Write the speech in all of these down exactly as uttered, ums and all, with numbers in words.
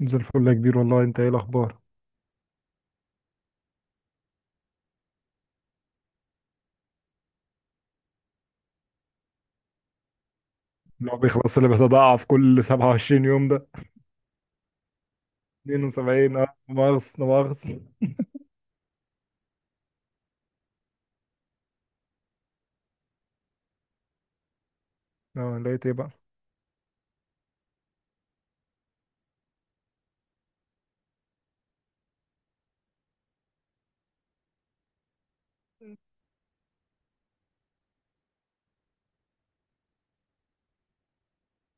زي الفل يا كبير، والله انت ايه الاخبار؟ اللي هو بيخلص، اللي بيتضاعف كل سبعة وعشرين يوم ده؟ اثنين وسبعين، اه مؤاخذة، لا مؤاخذة. اه، لقيت ايه بقى؟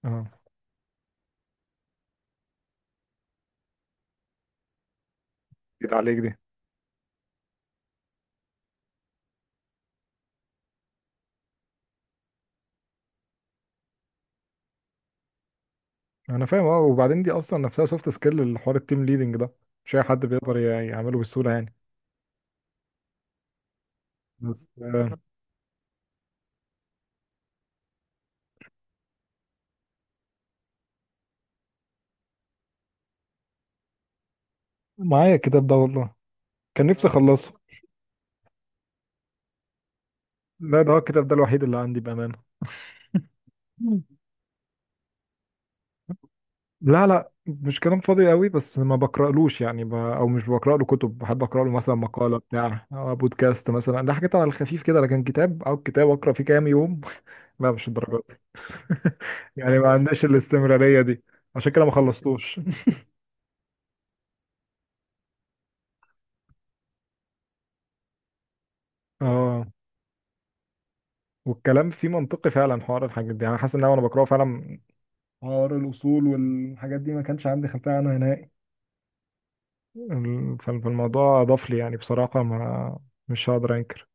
اه، جيت عليك دي. انا فاهم، اه. وبعدين دي اصلا نفسها سوفت سكيل، الحوار التيم ليدنج ده مش اي حد بيقدر ي- يعمله بسهولة يعني. بس آه معايا الكتاب ده والله، كان نفسي اخلصه. لا، ده هو الكتاب ده الوحيد اللي عندي بأمانة. لا، لا، مش كلام فاضي قوي، بس ما بقرألوش يعني ب... او مش بقرأ له كتب، بحب أقرأ له مثلا مقالة بتاع أو بودكاست مثلا، ده حاجات على الخفيف كده، لكن كتاب او كتاب أقرأ فيه كام يوم. لا، مش الدرجات دي. يعني ما عندناش الاستمرارية دي، عشان كده ما خلصتوش. اه. والكلام فيه منطقي فعلا، حوار الحاجات دي، يعني حاسس ان انا وانا بقراه فعلا حوار الاصول والحاجات دي ما كانش عندي خلفيه عنها نهائي. ال- فالموضوع اضاف لي يعني بصراحه، ما، مش هقدر انكر.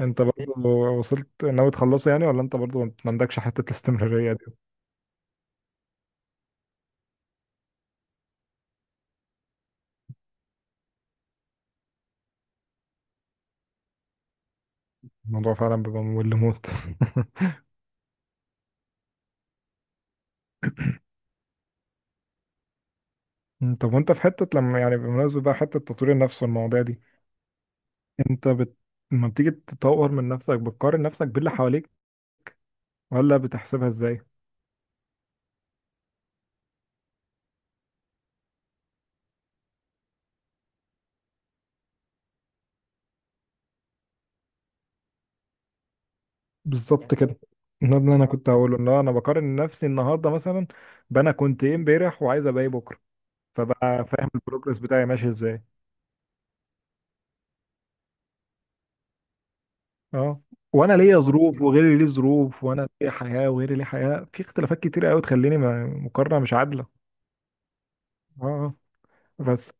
انت برضه وصلت ناوي تخلصه يعني، ولا انت برضه ما عندكش حتة الاستمرارية دي؟ الموضوع فعلا بيبقى ممل موت. مم، طب وانت في حتة، لما يعني بمناسبة بقى حتة تطوير النفس والمواضيع دي، انت بت... لما بتيجي تطور من نفسك بتقارن نفسك باللي حواليك، ولا بتحسبها ازاي؟ بالظبط كده. ده اللي انا كنت هقوله، ان هو انا بقارن نفسي النهارده مثلا بانا كنت ايه امبارح، وعايز ابقى ايه بكره، فبقى فاهم البروجرس بتاعي ماشي ازاي. اه. وانا ليا ظروف وغيري ليه ظروف، وانا ليا حياه وغيري ليه حياه، في اختلافات كتير قوي تخليني ما- مقارنه مش عادله. اه آه. بس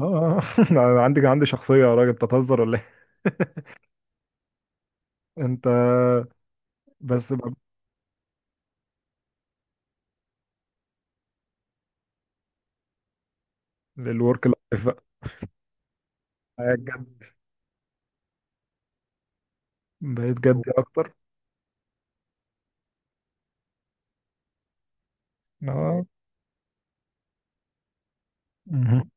اه آه. أنا عندي عندي شخصيه، يا راجل بتهزر ولا ايه؟ انت. بس بقى، الورك لايف بقى. بقيت جد. بقيت جد اكتر. اه، مهم.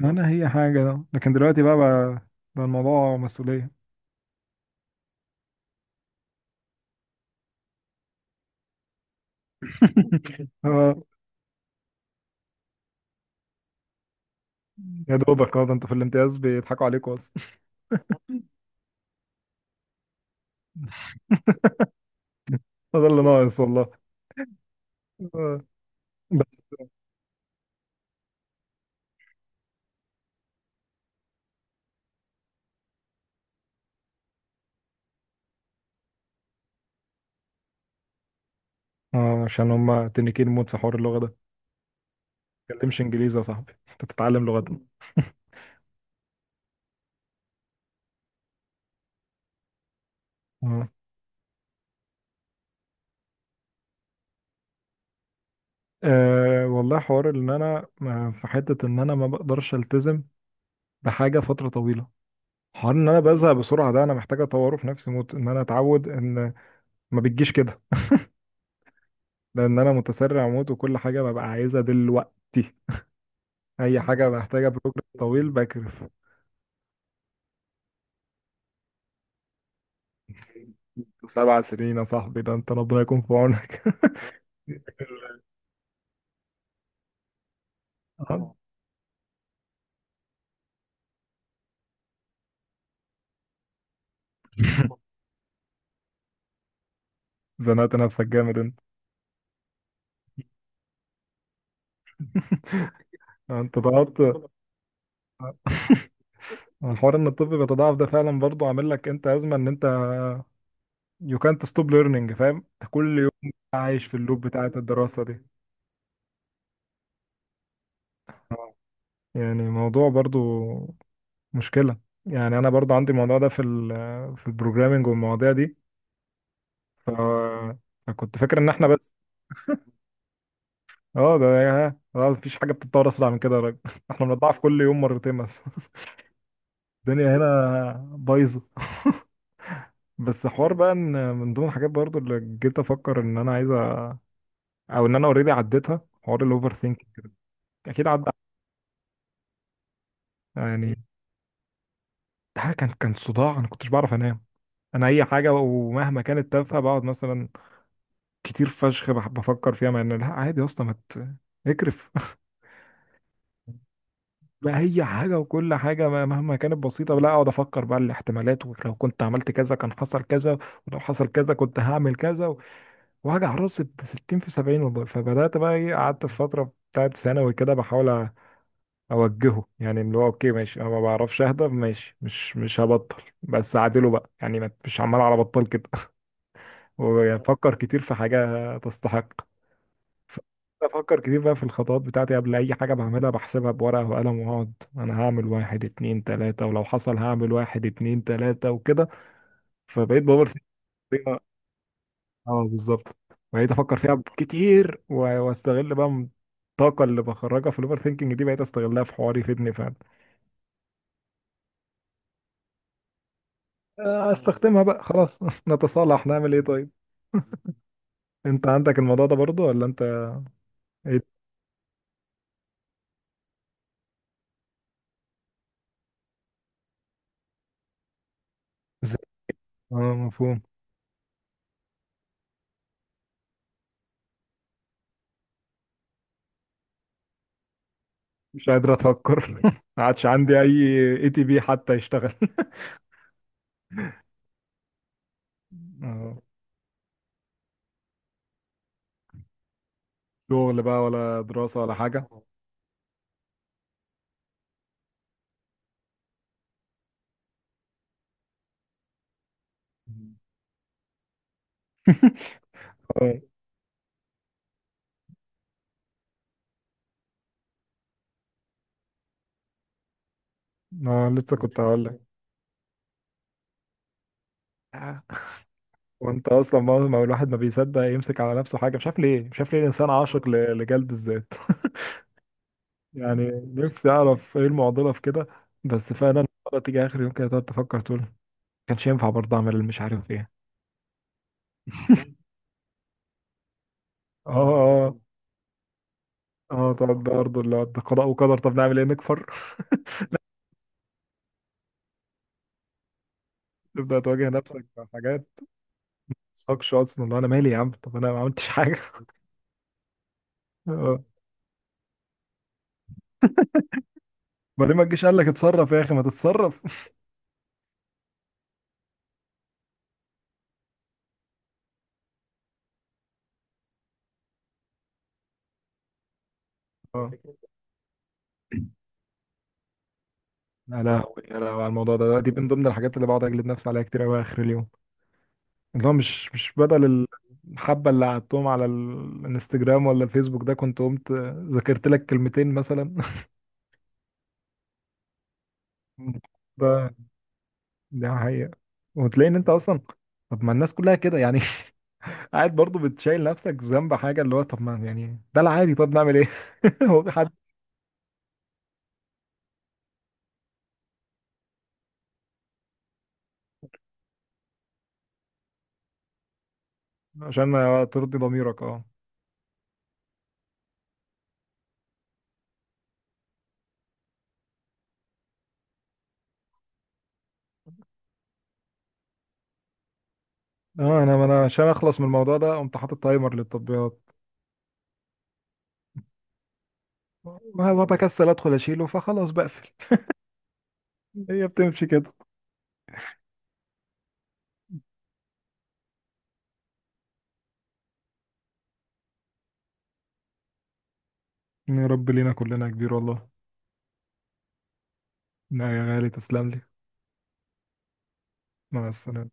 انا هي حاجه ده، لكن دلوقتي بقى بقى, بقى الموضوع مسؤوليه. اه. يا دوبك، اه، ده انتوا في الامتياز بيضحكوا عليكوا اصلا. ده اللي ناقص والله. آه. اه، عشان هما تنكين موت في حوار اللغة ده. ما تتكلمش انجليزي يا صاحبي، انت تتعلم لغتنا. اه آه، والله حوار ان انا آه، في حتة ان انا ما بقدرش التزم بحاجة فترة طويلة. حوار ان انا بزهق بسرعة، ده انا محتاج اطوره في نفسي موت، ان انا اتعود ان، ما بتجيش كده. لان انا متسرع موت، وكل حاجة ببقى عايزها دلوقتي. اي حاجة محتاجة بروجرام طويل بكرف. سبع سنين يا صاحبي، ده انت ربنا يكون في عونك. آه، زنقت نفسك جامد انت. آه، انت ضغطت. الحوار ان الطب بيتضاعف ده فعلا برضه عامل لك انت ازمه، ان انت يو كانت ستوب ليرنينج، فاهم؟ انت كل يوم عايش في اللوب بتاعه الدراسه دي. يعني موضوع برضه، مشكله. يعني انا برضه عندي الموضوع ده في ال، في البروجرامينج والمواضيع دي. ف فكنت فاكر ان احنا بس، اه. ده يا اه، مفيش حاجه بتتطور اسرع من كده يا راجل. احنا بنضاعف كل يوم مرتين بس. الدنيا هنا بايظه. بس حوار بقى، ان من ضمن الحاجات برضو اللي جيت افكر ان انا عايز أ- او ان انا اوريدي عديتها، حوار الاوفر ثينك. اكيد عدى. يعني ده كان كان صداع، انا كنتش بعرف انام. انا اي حاجه ومهما كانت تافهه، بقعد مثلا كتير فشخ بح- بفكر فيها، مع ان لا عادي يا اسطى، ما ت- اكرف. بقى اي حاجه وكل حاجه، ما- مهما كانت بسيطه، لا اقعد افكر بقى الاحتمالات، ولو كنت عملت كذا كان حصل كذا، ولو حصل كذا كنت هعمل كذا و- واوجع راسي ب ستين في سبعين والله. فبدات بقى ايه، قعدت في فتره بتاعت ثانوي كده بحاول اوجهه، يعني اللي هو اوكي ماشي، انا ما بعرفش اهدى، ماشي مش مش هبطل، بس اعدله بقى يعني، ما- مش عمال على بطال كده. وافكر كتير في حاجه تستحق. افكر كتير بقى في الخطوات بتاعتي قبل اي حاجه بعملها، بحسبها بورقه وقلم، واقعد انا هعمل واحد اتنين تلاته، ولو حصل هعمل واحد اتنين تلاته وكده. فبقيت باور ثينك بطريقة- اه، بالظبط. بقيت افكر فيها كتير و- واستغل بقى الطاقه اللي بخرجها في الاوفر ثينكينج دي، بقيت استغلها في حواري يفيدني. آه، استخدمها بقى، خلاص. نتصالح، نعمل ايه طيب؟ انت عندك الموضوع ده برضو ولا انت؟ ايه؟ ز- اه، مفهوم. مش قادر افكر. ما عادش عندي اي، اي تي بي حتى يشتغل. آه، شغل بقى ولا دراسة ولا حاجة؟ اه آه، لسه كنت هقول لك. وانت اصلا ما ما الواحد ما بيصدق يمسك على نفسه حاجة، مش عارف ليه، مش عارف ليه الانسان عاشق ل- لجلد الذات. يعني نفسي اعرف ايه المعضلة في كده. بس فعلا المعضلة تيجي اخر يوم كده، تقعد تفكر، تقول كانش ينفع برضه اعمل مش عارف ايه. اه، اه، اه. تقعد بقى برضه اللي هو، ده قضاء وقدر، طب نعمل ايه، نكفر. تبدأ تواجه نفسك مع حاجات مالكش اصلا، اللي هو انا مالي يا عم، طب انا ما عملتش حاجة. اه. بعدين ما تجيش قال لك اتصرف يا اخي، ما تتصرف. اه. يا لهوي يا لهوي، على الموضوع ده، دي من ضمن الحاجات اللي بقعد اجلد نفسي عليها كتير قوي اخر اليوم، اللي هو مش مش بدل الحبه اللي قعدتهم على ال- الانستجرام ولا الفيسبوك ده، كنت قمت ذاكرت لك كلمتين مثلا. ده ده حقيقه. وتلاقي ان انت اصلا، طب ما الناس كلها كده يعني. قاعد برضه بتشيل نفسك ذنب حاجه، اللي هو طب ما يعني ده العادي، طب نعمل ايه. هو في حد؟ عشان ما ترضي ضميرك، اه. اه، انا ما انا عشان اخلص من الموضوع ده قمت حاطط تايمر للتطبيقات، وه- وبكسل ادخل اشيله فخلاص بقفل. هي بتمشي كده. يا رب لينا كلنا يا كبير والله. لا يا غالي، تسلم لي. مع السلامه.